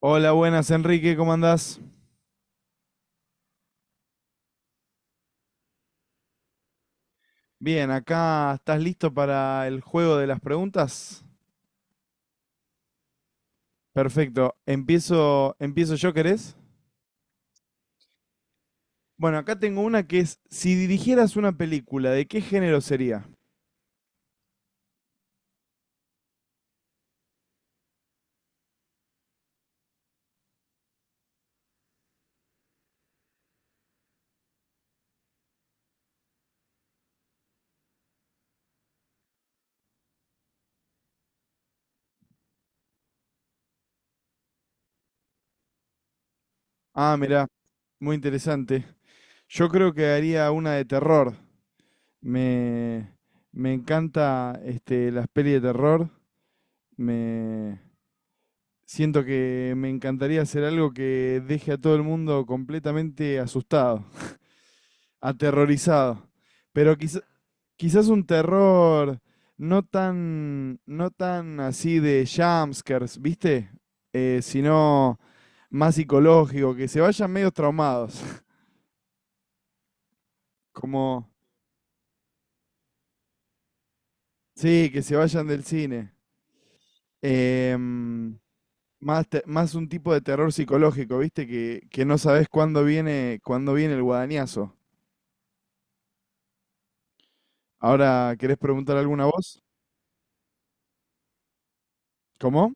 Hola, buenas Enrique, ¿cómo andás? Bien, acá estás listo para el juego de las preguntas. Perfecto, empiezo yo, ¿querés? Bueno, acá tengo una que es, si dirigieras una película, ¿de qué género sería? Ah, mirá, muy interesante. Yo creo que haría una de terror. Me, me encanta este, las pelis de terror. Me siento que me encantaría hacer algo que deje a todo el mundo completamente asustado. Aterrorizado. Pero quizás un terror no tan, no tan así de jumpscares, ¿viste? Sino más psicológico, que se vayan medio traumados. Como, sí, que se vayan del cine. Em, Más, más un tipo de terror psicológico, ¿viste? Que no sabés cuándo viene el guadañazo. Ahora, ¿querés preguntar alguna voz? ¿Cómo?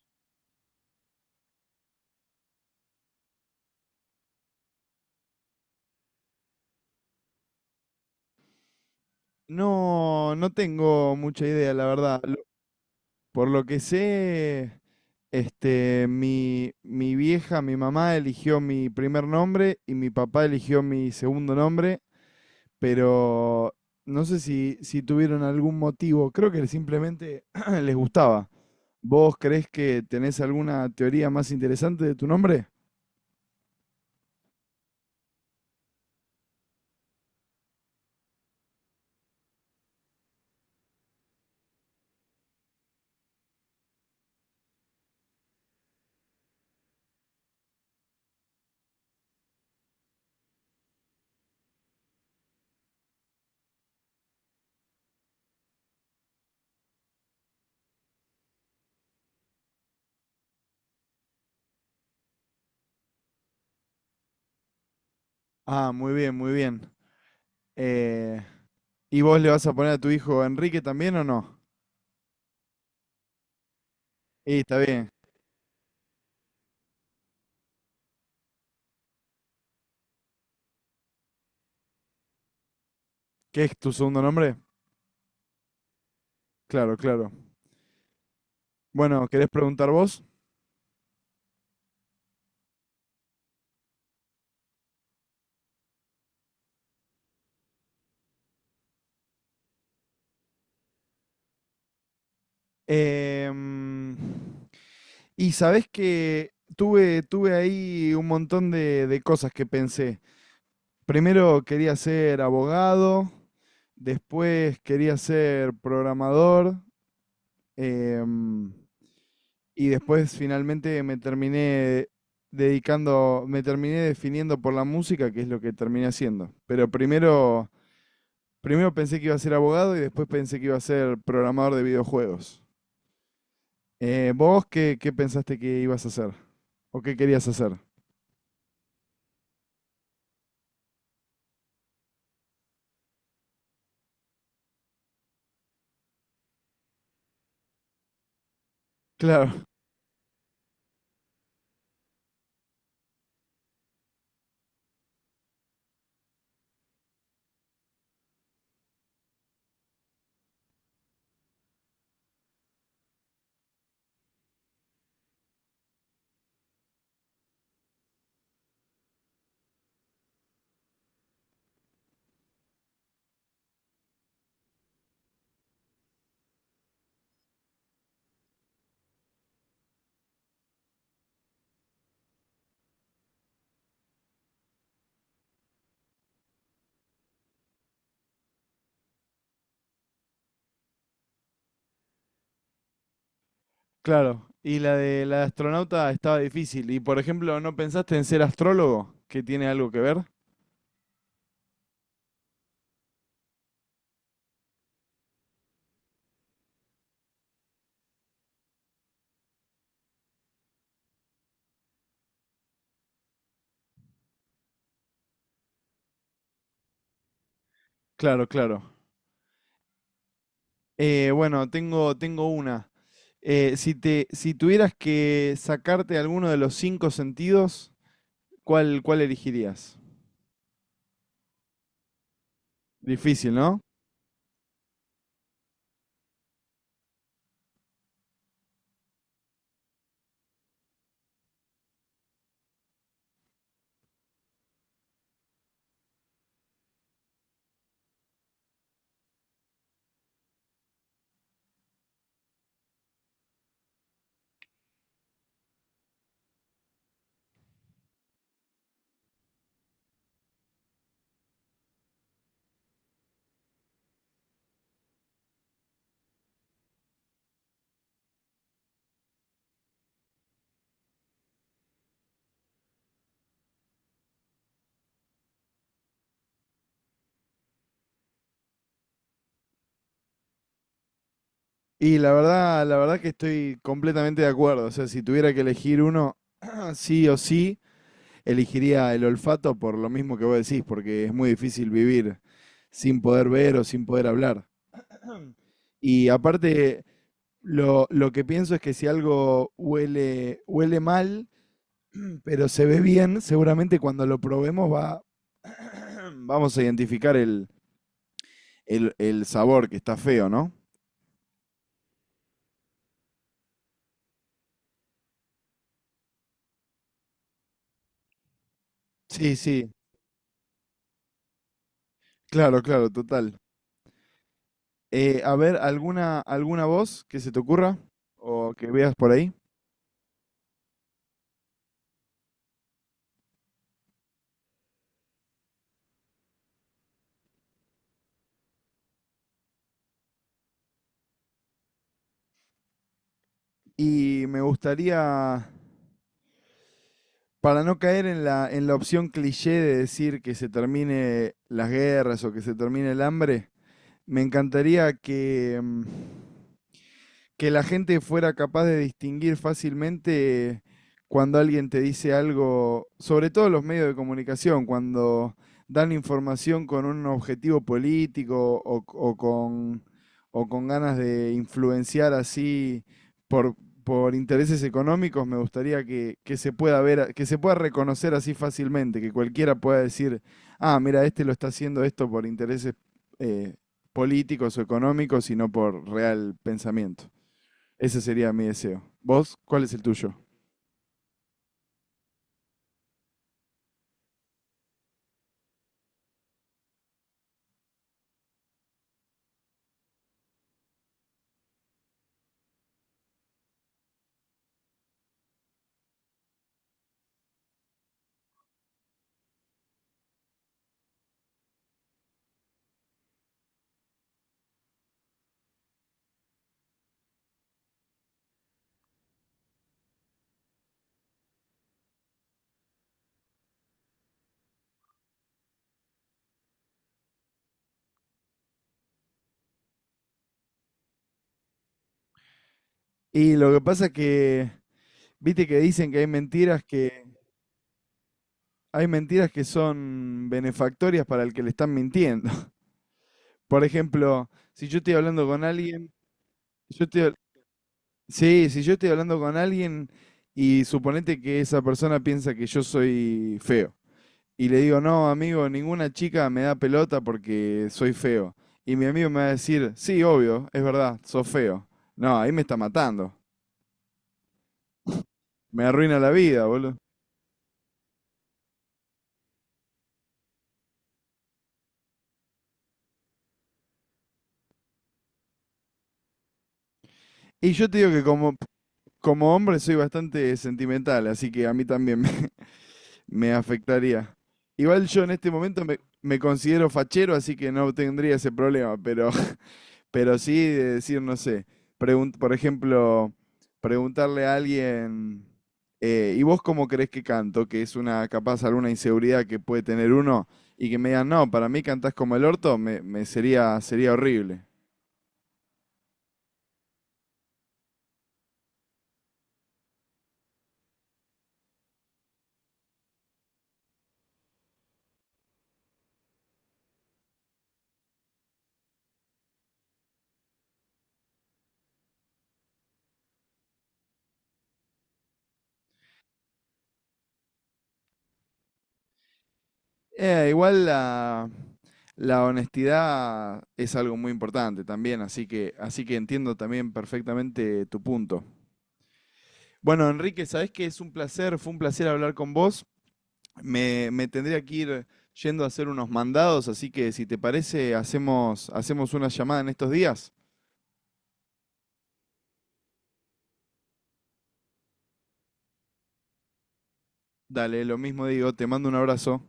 No, no tengo mucha idea, la verdad. Por lo que sé, este, mi vieja, mi mamá eligió mi primer nombre y mi papá eligió mi segundo nombre, pero no sé si, si tuvieron algún motivo, creo que simplemente les gustaba. ¿Vos creés que tenés alguna teoría más interesante de tu nombre? Ah, muy bien, muy bien. Eh, ¿Y vos le vas a poner a tu hijo Enrique también o no? Y está bien. ¿Qué es tu segundo nombre? Claro, claro. Bueno, ¿querés preguntar vos? Em, y sabés que tuve ahí un montón de cosas que pensé. Primero quería ser abogado, después quería ser programador, em, y después finalmente me terminé dedicando, me terminé definiendo por la música, que es lo que terminé haciendo. Pero primero, primero pensé que iba a ser abogado y después pensé que iba a ser programador de videojuegos. ¿Vos qué, qué pensaste que ibas a hacer? ¿O qué querías hacer? Claro, claro. Y la de astronauta estaba difícil. Y por ejemplo, ¿no pensaste en ser astrólogo? ¿Que tiene algo que ver? Claro, claro. Bueno, tengo una. Si te, si tuvieras que sacarte alguno de los cinco sentidos, ¿cuál, cuál elegirías? Difícil, ¿no? Y la verdad que estoy completamente de acuerdo. O sea, si tuviera que elegir uno, sí o sí, elegiría el olfato por lo mismo que vos decís, porque es muy difícil vivir sin poder ver o sin poder hablar. Y aparte, lo que pienso es que si algo huele, huele mal, pero se ve bien, seguramente cuando lo probemos va, vamos a identificar el sabor que está feo, ¿no? Sí, sí, claro, claro, total. A ver, ¿alguna, alguna voz que se te ocurra o que veas por ahí? Y me gustaría. Para no caer en la opción cliché de decir que se termine las guerras o que se termine el hambre, me encantaría que, mm, que la gente fuera capaz de distinguir fácilmente cuando alguien te dice algo, sobre todo los medios de comunicación, cuando dan información con un objetivo político o con ganas de influenciar así por, por intereses económicos, me gustaría que se pueda ver, que se pueda reconocer así fácilmente, que cualquiera pueda decir, ah, mira, este lo está haciendo esto por intereses eh, políticos o económicos y no por real pensamiento. Ese sería mi deseo. ¿Vos cuál es el tuyo? Y lo que pasa que, viste que dicen que hay mentiras que son benefactorias para el que le están mintiendo. Por ejemplo, si yo estoy hablando con alguien, yo estoy sí, si yo estoy hablando con alguien y suponete que esa persona piensa que yo soy feo y le digo, "No, amigo, ninguna chica me da pelota porque soy feo." Y mi amigo me va a decir, "Sí, obvio, es verdad, sos feo." No, ahí me está matando. Me arruina la vida, boludo. Y yo te digo que como, como hombre soy bastante sentimental, así que a mí también me, me afectaría. Igual yo en este momento me, me considero fachero, así que no tendría ese problema, pero, pero sí de decir, no sé, por ejemplo, preguntarle a alguien, ¿y vos cómo crees que canto? Que es una capaz alguna inseguridad que puede tener uno, y que me digan, no, para mí cantás como el orto, me sería, sería horrible. Igual la, la honestidad es algo muy importante también, así que entiendo también perfectamente tu punto. Bueno, Enrique, sabés que es un placer, fue un placer hablar con vos. Me tendría que ir yendo a hacer unos mandados, así que si te parece, hacemos, hacemos una llamada en estos días. Dale, lo mismo digo, te mando un abrazo.